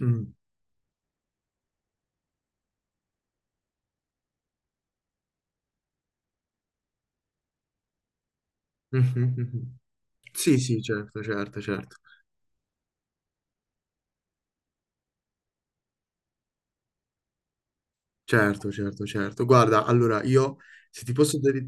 Mm, mhm, mhm. Sì, sì, certo, certo, certo, certo, certo, certo. Guarda, allora io, se ti posso dare,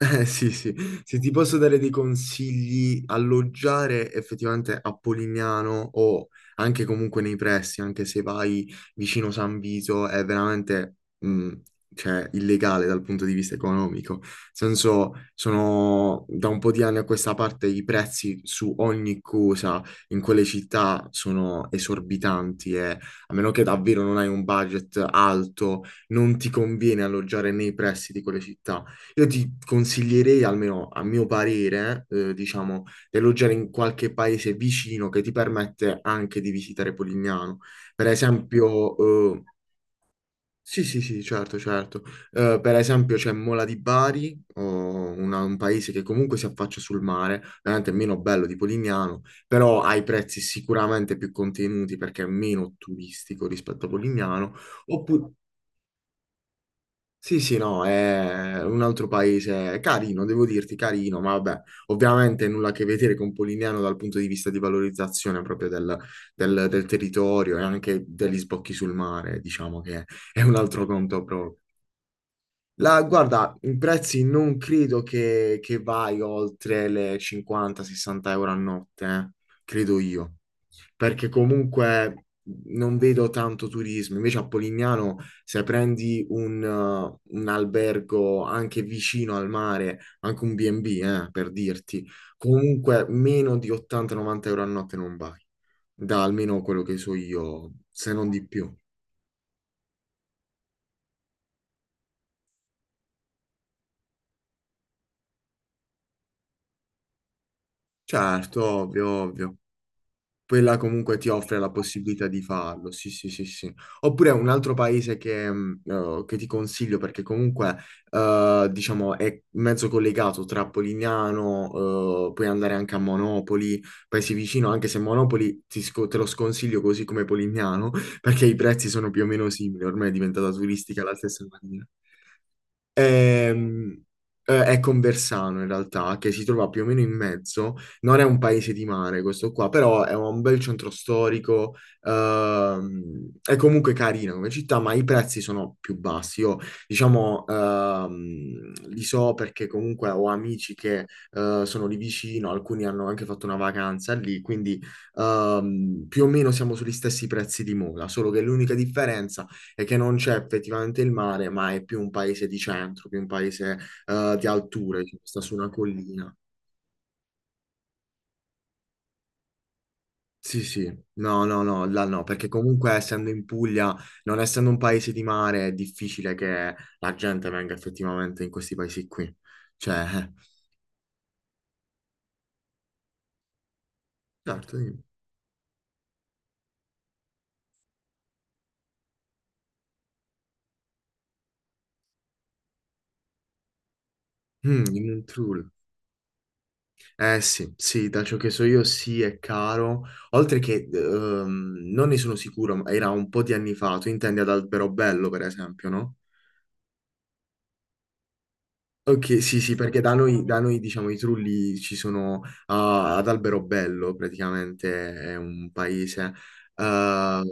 Sì, sì, se ti posso dare dei consigli. Alloggiare effettivamente a Polignano o anche comunque nei pressi, anche se vai vicino San Vito, è veramente, cioè, illegale dal punto di vista economico. Nel senso, sono da un po' di anni a questa parte i prezzi su ogni cosa in quelle città sono esorbitanti e, a meno che davvero non hai un budget alto, non ti conviene alloggiare nei pressi di quelle città. Io ti consiglierei, almeno a mio parere, diciamo, di alloggiare in qualche paese vicino che ti permette anche di visitare Polignano. Per esempio, eh, sì, sì, sì, certo, certo. Per esempio c'è Mola di Bari, o un paese che comunque si affaccia sul mare, veramente meno bello di Polignano, però ha i prezzi sicuramente più contenuti perché è meno turistico rispetto a Polignano. Oppure sì, sì, no, è un altro paese, è carino, devo dirti carino, ma vabbè, ovviamente nulla a che vedere con Polignano dal punto di vista di valorizzazione proprio del, del territorio e anche degli sbocchi sul mare, diciamo che è un altro conto proprio. Guarda, i prezzi non credo che vai oltre le 50-60 euro a notte, credo io, perché comunque non vedo tanto turismo. Invece a Polignano, se prendi un albergo anche vicino al mare, anche un B&B, per dirti, comunque meno di 80-90 euro a notte non vai, da almeno quello che so io, se non di più. Certo, ovvio, ovvio. Quella comunque ti offre la possibilità di farlo, sì, sì, sì, sì. Oppure un altro paese che ti consiglio perché comunque, diciamo, è mezzo collegato tra Polignano. Eh, puoi andare anche a Monopoli, paesi vicino, anche se Monopoli te lo sconsiglio così come Polignano, perché i prezzi sono più o meno simili, ormai è diventata turistica la stessa maniera. Ehm, è Conversano in realtà, che si trova più o meno in mezzo. Non è un paese di mare questo qua, però è un bel centro storico, è comunque carina come città, ma i prezzi sono più bassi. Io diciamo li so perché comunque ho amici che sono lì vicino, alcuni hanno anche fatto una vacanza lì, quindi più o meno siamo sugli stessi prezzi di Mola, solo che l'unica differenza e che non c'è effettivamente il mare, ma è più un paese di centro, più un paese di alture, che sta su una collina. Sì, sì, no, no, no, là no, perché comunque essendo in Puglia, non essendo un paese di mare, è difficile che la gente venga effettivamente in questi paesi qui. Cioè, certo, dimmi. Mm, in un trul. Eh sì, sì, da ciò che so io sì, è caro. Oltre che, non ne sono sicuro, ma era un po' di anni fa. Tu intendi ad Alberobello, per esempio, no? Ok, sì, sì, perché da noi, diciamo, i trulli ci sono, ah, ad Alberobello, praticamente è un paese. Ehm,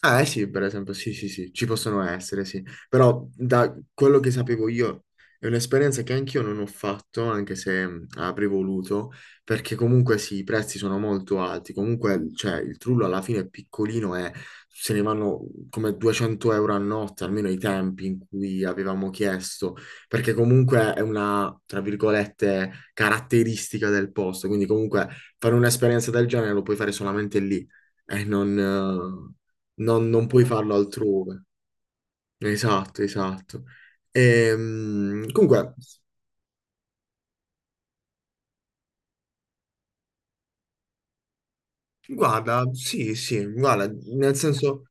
Ah, eh sì, per esempio, sì, sì, sì, ci possono essere, sì. Però da quello che sapevo io, è un'esperienza che anch'io non ho fatto, anche se avrei voluto, perché comunque sì, i prezzi sono molto alti. Comunque, cioè, il trullo alla fine è piccolino e se ne vanno come 200 euro a notte, almeno ai tempi in cui avevamo chiesto, perché comunque è una, tra virgolette, caratteristica del posto. Quindi comunque fare un'esperienza del genere lo puoi fare solamente lì. E non puoi farlo altrove. Esatto, esatto. Comunque, guarda, sì, sì, guarda, nel senso,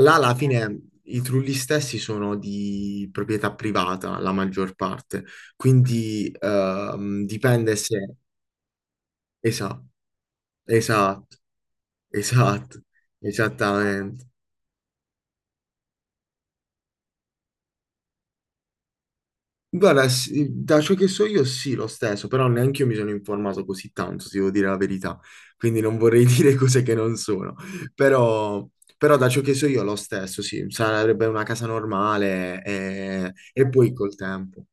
là alla fine i trulli stessi sono di proprietà privata, la maggior parte, quindi dipende se... Esatto, esatto, esatto, esattamente. Guarda, sì, da ciò che so io sì, lo stesso, però neanche io mi sono informato così tanto, se devo dire la verità, quindi non vorrei dire cose che non sono, però, però da ciò che so io lo stesso, sì, sarebbe una casa normale e poi col tempo.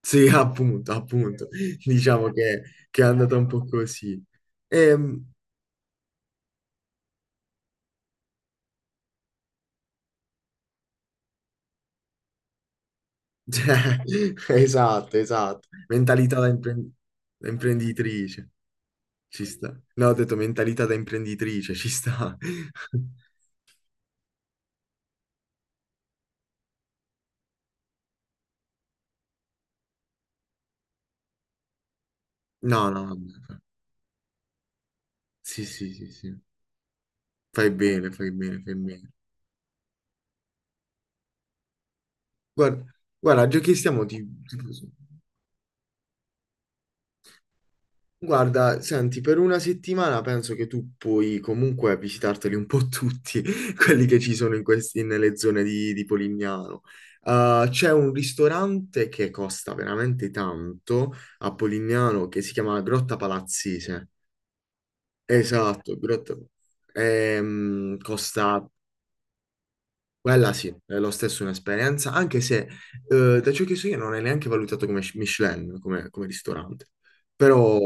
Sì, appunto, appunto, diciamo che è andata un po' così. Ehm, cioè, esatto, esatto, mentalità da imprenditrice. Ci sta. No, ho detto mentalità da imprenditrice, ci sta. No, no, vabbè. Sì, sì, sì, sì. Fai bene, fai bene, fai bene. Guarda, guarda, già che stiamo, ti- guarda, senti, per una settimana penso che tu puoi comunque visitarteli un po' tutti, quelli che ci sono in questi, nelle zone di Polignano. C'è un ristorante che costa veramente tanto a Polignano che si chiama Grotta Palazzese. Esatto, Grotta Costa, quella sì, è lo stesso un'esperienza, anche se da ciò che so io non è neanche valutato come Michelin, come, come ristorante, però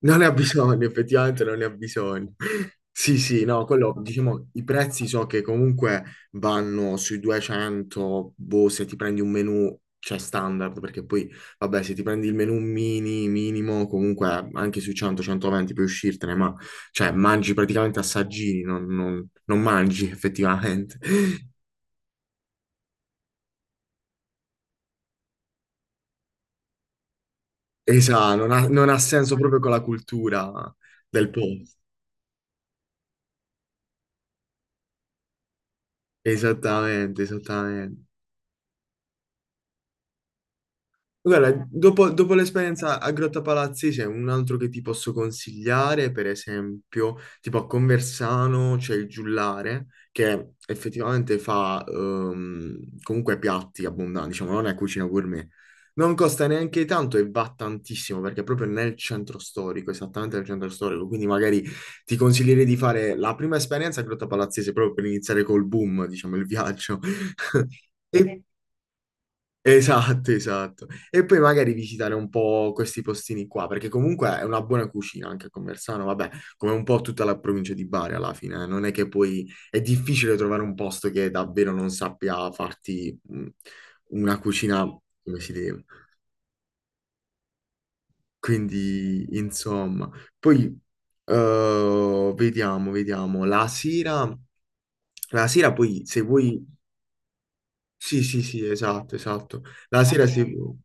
non ne ha bisogno, effettivamente non ne ha bisogno. Sì, sì, no, quello, diciamo, i prezzi so che comunque vanno sui 200, boh, se ti prendi un menù, cioè standard, perché poi, vabbè, se ti prendi il menù mini, minimo, comunque anche sui 100-120 puoi uscirtene, ma cioè mangi praticamente assaggini, non mangi effettivamente. Esatto, non ha senso proprio con la cultura del posto. Esattamente, esattamente. Guarda, dopo, dopo l'esperienza a Grotta Palazzi c'è un altro che ti posso consigliare, per esempio, tipo a Conversano c'è il Giullare, che effettivamente fa comunque piatti abbondanti, diciamo, non è cucina gourmet. Non costa neanche tanto e va tantissimo, perché è proprio nel centro storico, esattamente nel centro storico, quindi magari ti consiglierei di fare la prima esperienza a Grotta Palazzese proprio per iniziare col boom, diciamo, il viaggio. E Esatto, esatto. E poi magari visitare un po' questi postini qua, perché comunque è una buona cucina anche a Conversano, vabbè, come un po' tutta la provincia di Bari alla fine, eh. Non è che poi è difficile trovare un posto che davvero non sappia farti una cucina come si deve. Quindi, insomma, poi vediamo, vediamo. La sera poi se vuoi... Sì, sì, sì, esatto, esatto. La sera se... Ok.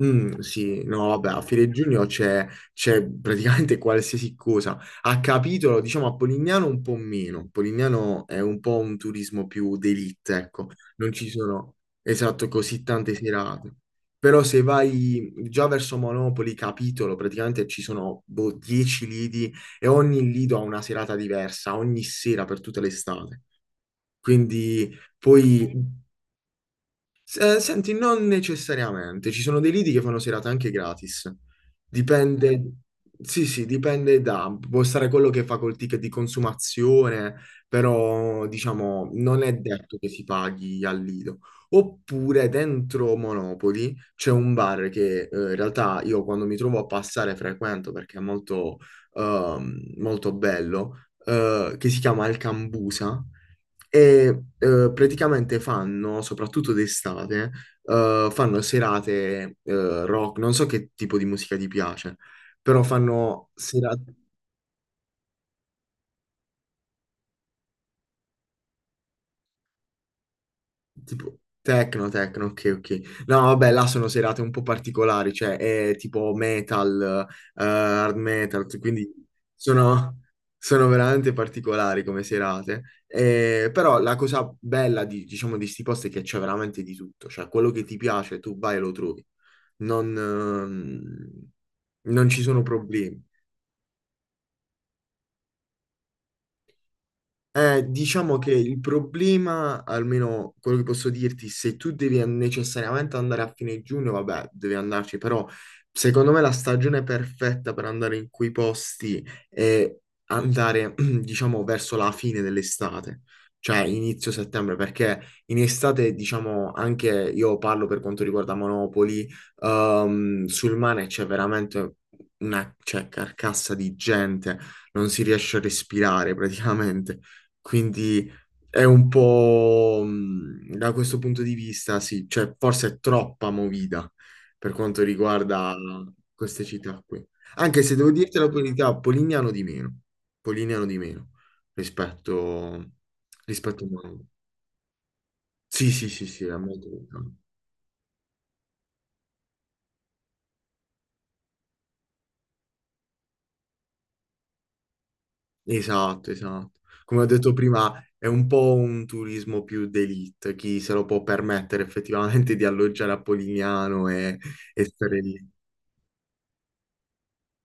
Mm, sì, no, vabbè, a fine giugno c'è praticamente qualsiasi cosa. A capitolo, diciamo, a Polignano un po' meno. Polignano è un po' un turismo più d'élite, ecco. Non ci sono, esatto, così tante serate. Però se vai già verso Monopoli, capitolo, praticamente ci sono boh, 10 lidi e ogni lido ha una serata diversa, ogni sera per tutta l'estate. Quindi poi... senti, non necessariamente, ci sono dei lidi che fanno serate anche gratis. Dipende, sì, sì, dipende da, può stare quello che fa col ticket di consumazione, però diciamo non è detto che si paghi al lido. Oppure dentro Monopoli c'è un bar che in realtà io quando mi trovo a passare frequento perché è molto, molto bello, che si chiama Il Cambusa e praticamente fanno, soprattutto d'estate, fanno serate rock. Non so che tipo di musica ti piace, però fanno serate tipo techno, techno, ok, ok. No, vabbè, là sono serate un po' particolari, cioè è tipo metal, hard metal, quindi sono, sono veramente particolari come serate. Però la cosa bella di, diciamo, di sti posti è che c'è veramente di tutto, cioè quello che ti piace tu vai e lo trovi. non, ehm, non ci sono problemi. Diciamo che il problema, almeno quello che posso dirti, se tu devi necessariamente andare a fine giugno, vabbè, devi andarci, però secondo me la stagione perfetta per andare in quei posti è andare, diciamo, verso la fine dell'estate, cioè inizio settembre, perché in estate, diciamo, anche io parlo per quanto riguarda Monopoli, sul mare c'è veramente una, cioè, carcassa di gente, non si riesce a respirare praticamente. Quindi è un po' da questo punto di vista, sì, cioè forse è troppa movida per quanto riguarda queste città qui. Anche se devo dirti la verità, Polignano di meno rispetto, rispetto a Monaco. Sì, sì, sì, sì, è molto lontano. Esatto, esatto. Come ho detto prima, è un po' un turismo più d'élite, chi se lo può permettere effettivamente di alloggiare a Polignano e stare lì.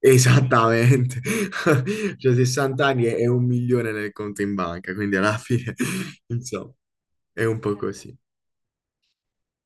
Esattamente, cioè 60 anni e 1 milione nel conto in banca, quindi alla fine, insomma, è un po' così.